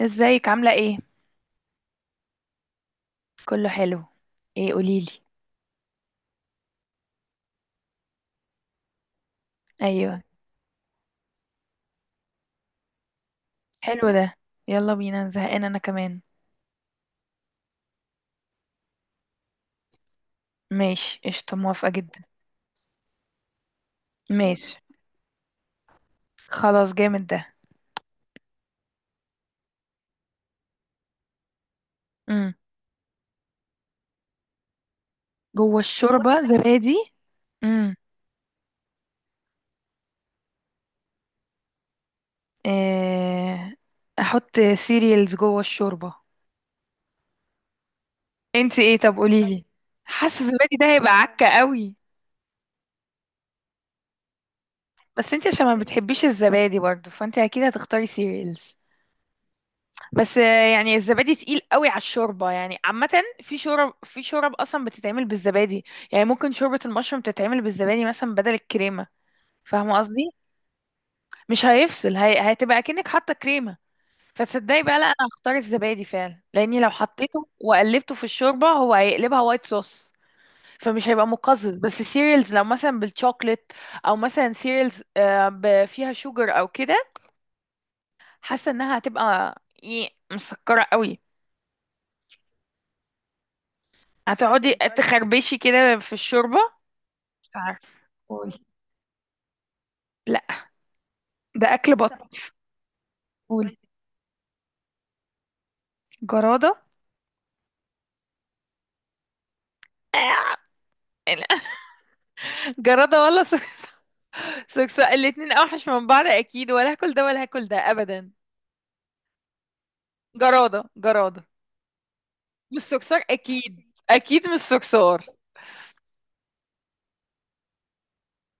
ازيك عاملة ايه؟ كله حلو. ايه قوليلي. ايوه. حلو ده. يلا بينا، زهقانة انا كمان. ماشي، قشطة، موافقة جدا. ماشي. خلاص جامد ده. امم. جوه الشوربة زبادي. امم. إيه... احط سيريالز جوه الشوربة. انتي ايه طب قوليلي. حاسة الزبادي ده هيبقى عكة قوي. بس انتي عشان ما بتحبيش الزبادي برضه فانتي اكيد هتختاري سيريالز. بس يعني الزبادي تقيل قوي على الشوربه يعني عامه. في شورب اصلا بتتعمل بالزبادي. يعني ممكن شوربه المشروم تتعمل بالزبادي مثلا بدل الكريمه. فاهمه قصدي. مش هيفصل، هتبقى اكنك حاطه كريمه. فتصدقي بقى، لا انا هختار الزبادي فعلا لاني لو حطيته وقلبته في الشوربه هو هيقلبها وايت صوص. فمش هيبقى مقزز. بس السيريالز لو مثلا بالشوكليت او مثلا سيريالز فيها شوجر او كده. حاسه انها هتبقى مسكره قوي. هتقعدي تخربشي كده في الشوربة؟ مش عارفة. قولي. لا، ده أكل بطن. قولي. جرادة. لا. جرادة ولا سكسة، الاتنين أوحش من بعض، أكيد ولا هاكل ده ولا هاكل ده أبدا. جرادة، جرادة. مش سكسار، أكيد أكيد مش سكسار.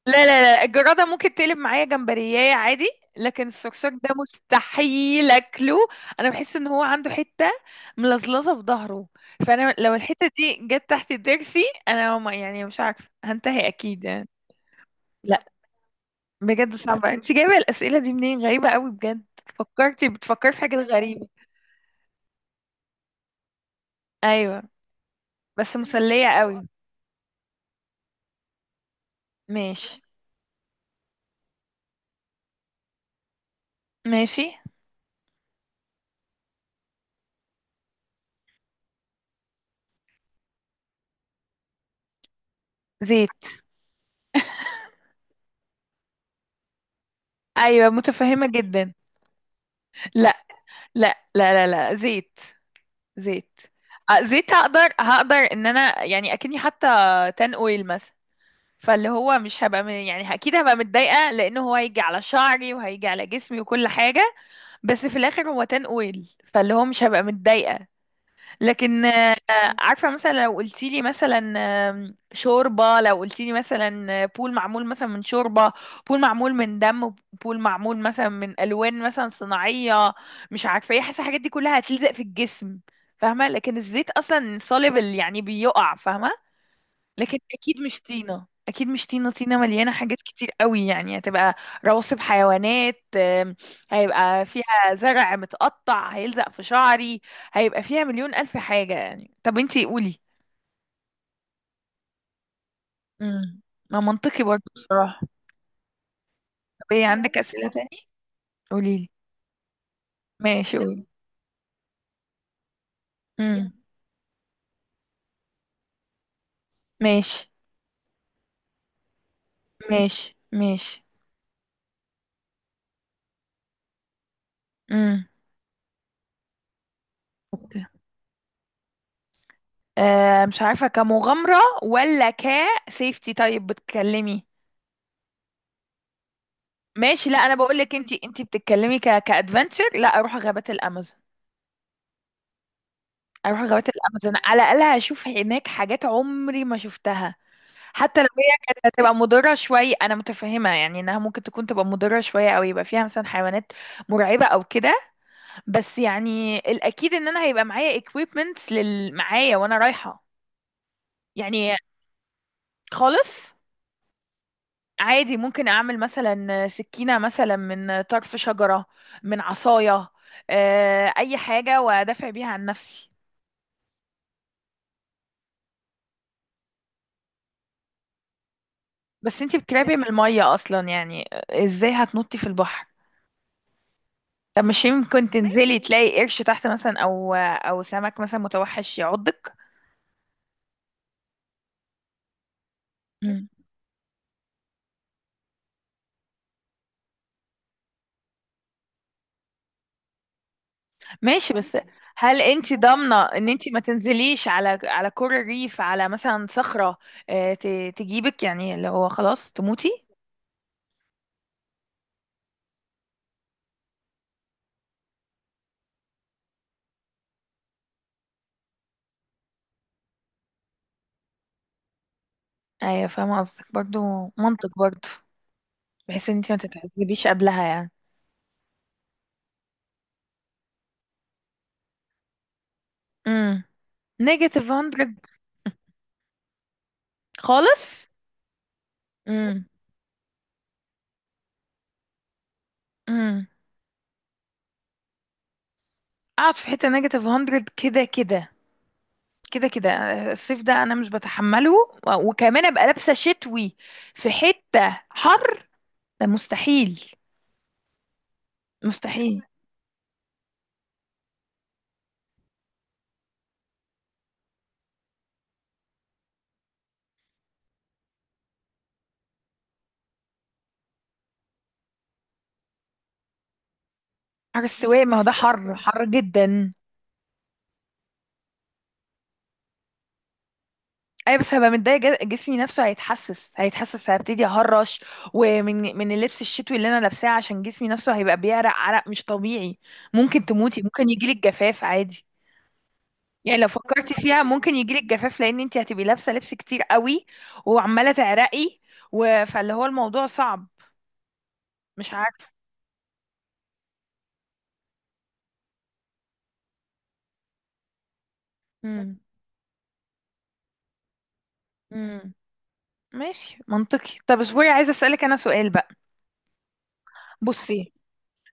لا لا لا، الجرادة ممكن تقلب معايا جمبرياية عادي. لكن الصرصار ده مستحيل اكله. انا بحس ان هو عنده حتة ملزلزة في ظهره. فانا لو الحتة دي جت تحت ضرسي انا ما يعني مش عارفة، هنتهي اكيد يعني. لا، بجد صعبة. انت جايبة الاسئلة دي منين؟ غريبة قوي بجد. فكرتي بتفكري في حاجات غريبة. ايوه، بس مسلية قوي. ماشي ماشي. زيت. ايوه متفهمة جدا. لا لا لا لا، لا زيت، زيت. زيت هقدر، هقدر ان انا يعني اكني حتى تان اويل مثلا. فاللي هو مش هبقى يعني اكيد هبقى متضايقه لانه هو هيجي على شعري وهيجي على جسمي وكل حاجه. بس في الاخر هو تان اويل فاللي هو مش هبقى متضايقه. لكن عارفة مثلا لو قلتيلي مثلا، شوربة، لو قلتيلي مثلا بول معمول مثلا من شوربة، بول معمول من دم، بول معمول مثلا من ألوان مثلا صناعية، مش عارفة ايه، حاسة الحاجات دي كلها هتلزق في الجسم. فاهمة؟ لكن الزيت أصلا soluble، يعني بيقع. فاهمة؟ لكن اكيد مش طينه، اكيد مش طينه. طينه مليانه حاجات كتير قوي، يعني هتبقى رواسب حيوانات، هيبقى فيها زرع متقطع هيلزق في شعري، هيبقى فيها مليون الف حاجه يعني. طب انتي قولي. امم. ما منطقي برضه بصراحه. طب ايه عندك اسئله تاني؟ قولي لي. ماشي قولي. امم. ماشي ماشي ماشي. امم. اوكي. آه مش عارفه، كمغامره ولا كسيفتي؟ طيب بتكلمي. ماشي، لا انا بقول لك، انت انت بتتكلمي كادفنتشر. لا، اروح غابات الامازون. اروح غابات الامازون، على الاقل هشوف هناك حاجات عمري ما شفتها. حتى لو هي كانت هتبقى مضره شويه انا متفهمه، يعني انها ممكن تكون تبقى مضره شويه او يبقى فيها مثلا حيوانات مرعبه او كده. بس يعني الاكيد ان انا هيبقى معايا equipments لل معايا وانا رايحه يعني. خالص. عادي، ممكن اعمل مثلا سكينة مثلا من طرف شجرة، من عصاية، اي حاجة وادافع بيها عن نفسي. بس انتي بتقربي من المية اصلا، يعني ازاي هتنطي في البحر؟ طب مش يمكن تنزلي تلاقي قرش تحت مثلا او او سمك مثلا متوحش يعضك؟ مم. ماشي بس، هل انت ضامنة ان انت ما تنزليش على على كور الريف، على مثلا صخرة تجيبك يعني اللي هو خلاص تموتي؟ ايوه فاهمة قصدك برضو، منطق برضو. بحيث ان انت ما تتعذبيش قبلها يعني. امم. نيجاتيف 100. خالص. امم. امم. اقعد في حته نيجاتيف 100. كده كده، كده كده. الصيف ده انا مش بتحمله، وكمان ابقى لابسه شتوي في حته حر، ده مستحيل. مستحيل. حر السواقي، ما هو ده حر، حر جدا. اي بس هبقى متضايقه، جسمي نفسه هيتحسس، هيتحسس هبتدي اهرش. ومن اللبس الشتوي اللي انا لابساه، عشان جسمي نفسه هيبقى بيعرق عرق مش طبيعي. ممكن تموتي، ممكن يجيلك جفاف عادي. يعني لو فكرتي فيها ممكن يجيلك جفاف لان انت هتبقي لابسه لبس كتير قوي وعماله تعرقي. و... فاللي هو الموضوع صعب. مش عارفه. امم. امم ماشي منطقي. طب اصبري عايزه اسالك انا سؤال بقى. بصي،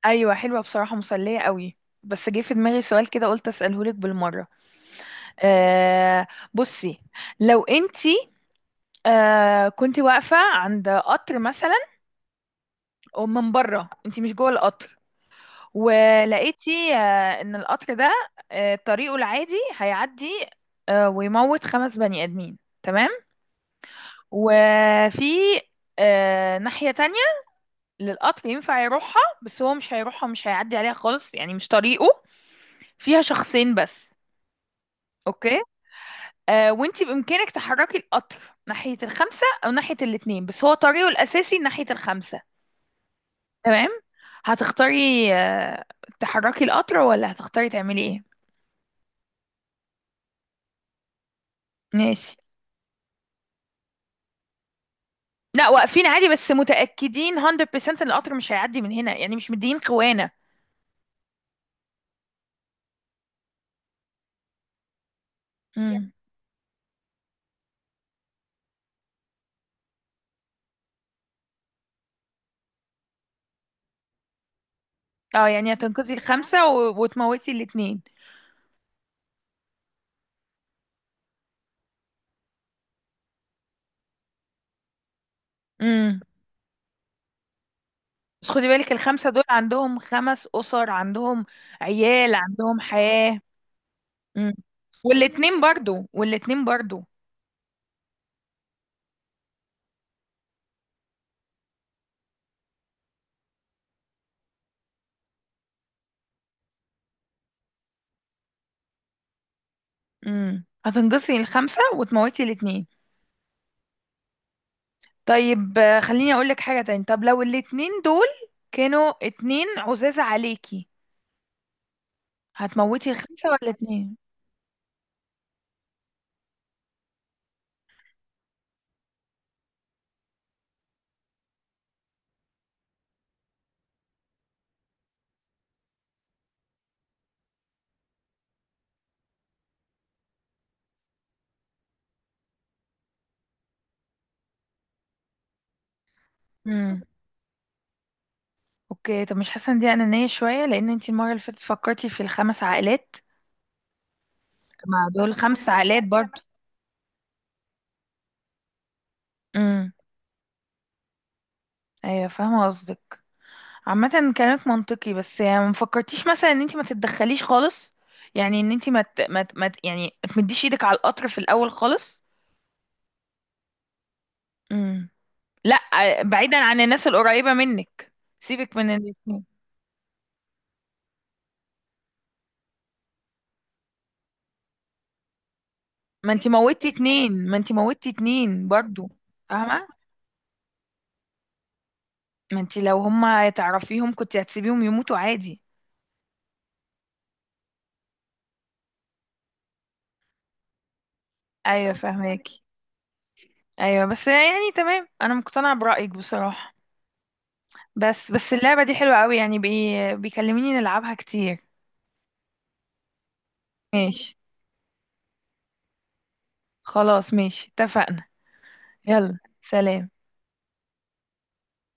ايوه حلوه بصراحه، مسليه قوي. بس جه في دماغي سؤال كده قلت اساله لك بالمره. آه، بصي، لو انتي كنت واقفة عند قطر مثلا، ومن بره انتي مش جوه القطر، ولقيتي ان القطر ده طريقه العادي هيعدي ويموت خمس بني ادمين، تمام؟ وفي ناحية تانية للقطر ينفع يروحها بس هو مش هيروحها ومش هيعدي عليها خالص، يعني مش طريقه، فيها شخصين بس. اوكي، وانتي بإمكانك تحركي القطر ناحية الخمسة أو ناحية الاتنين، بس هو طريقه الأساسي ناحية الخمسة. تمام؟ هتختاري آه تحركي القطر ولا هتختاري تعملي ايه؟ ماشي. لا واقفين عادي، بس متأكدين 100% ان القطر مش هيعدي من هنا، يعني مش مدين خوانا. امم. اه، يعني هتنقذي الخمسة و... وتموتي الاتنين. امم. بس خدي بالك، الخمسة دول عندهم خمس أسر، عندهم عيال، عندهم حياة. امم. والاتنين برضو، والاتنين برضو. امم. هتنقصي الخمسة وتموتي الاتنين. طيب خليني اقولك حاجة تاني. طب لو الاتنين دول كانوا اتنين عزازة عليكي، هتموتي الخمسة ولا اتنين؟ امم. اوكي، طب مش حاسة ان دي انانية شوية؟ لان انتي المرة اللي فاتت فكرتي في الخمس عائلات، مع دول خمس عائلات برضه. امم. ايوه فاهمة قصدك. عامة كلامك منطقي، بس يعني ما فكرتيش مثلا ان انتي ما تتدخليش خالص؟ يعني ان انتي ما ت... ما ت... ما ت... يعني ما تمديش ايدك على القطر في الاول خالص. امم. لا، بعيدا عن الناس القريبة منك، سيبك من الاتنين. ما انت موتي اتنين، ما انت موتي اتنين برضو. فاهمة. ما انت لو هما تعرفيهم كنت هتسيبيهم يموتوا عادي. ايوه فاهماكي. ايوه بس يعني تمام، انا مقتنعة برأيك بصراحة. بس بس اللعبة دي حلوة قوي يعني بيكلميني نلعبها كتير. ماشي، خلاص ماشي اتفقنا. يلا سلام.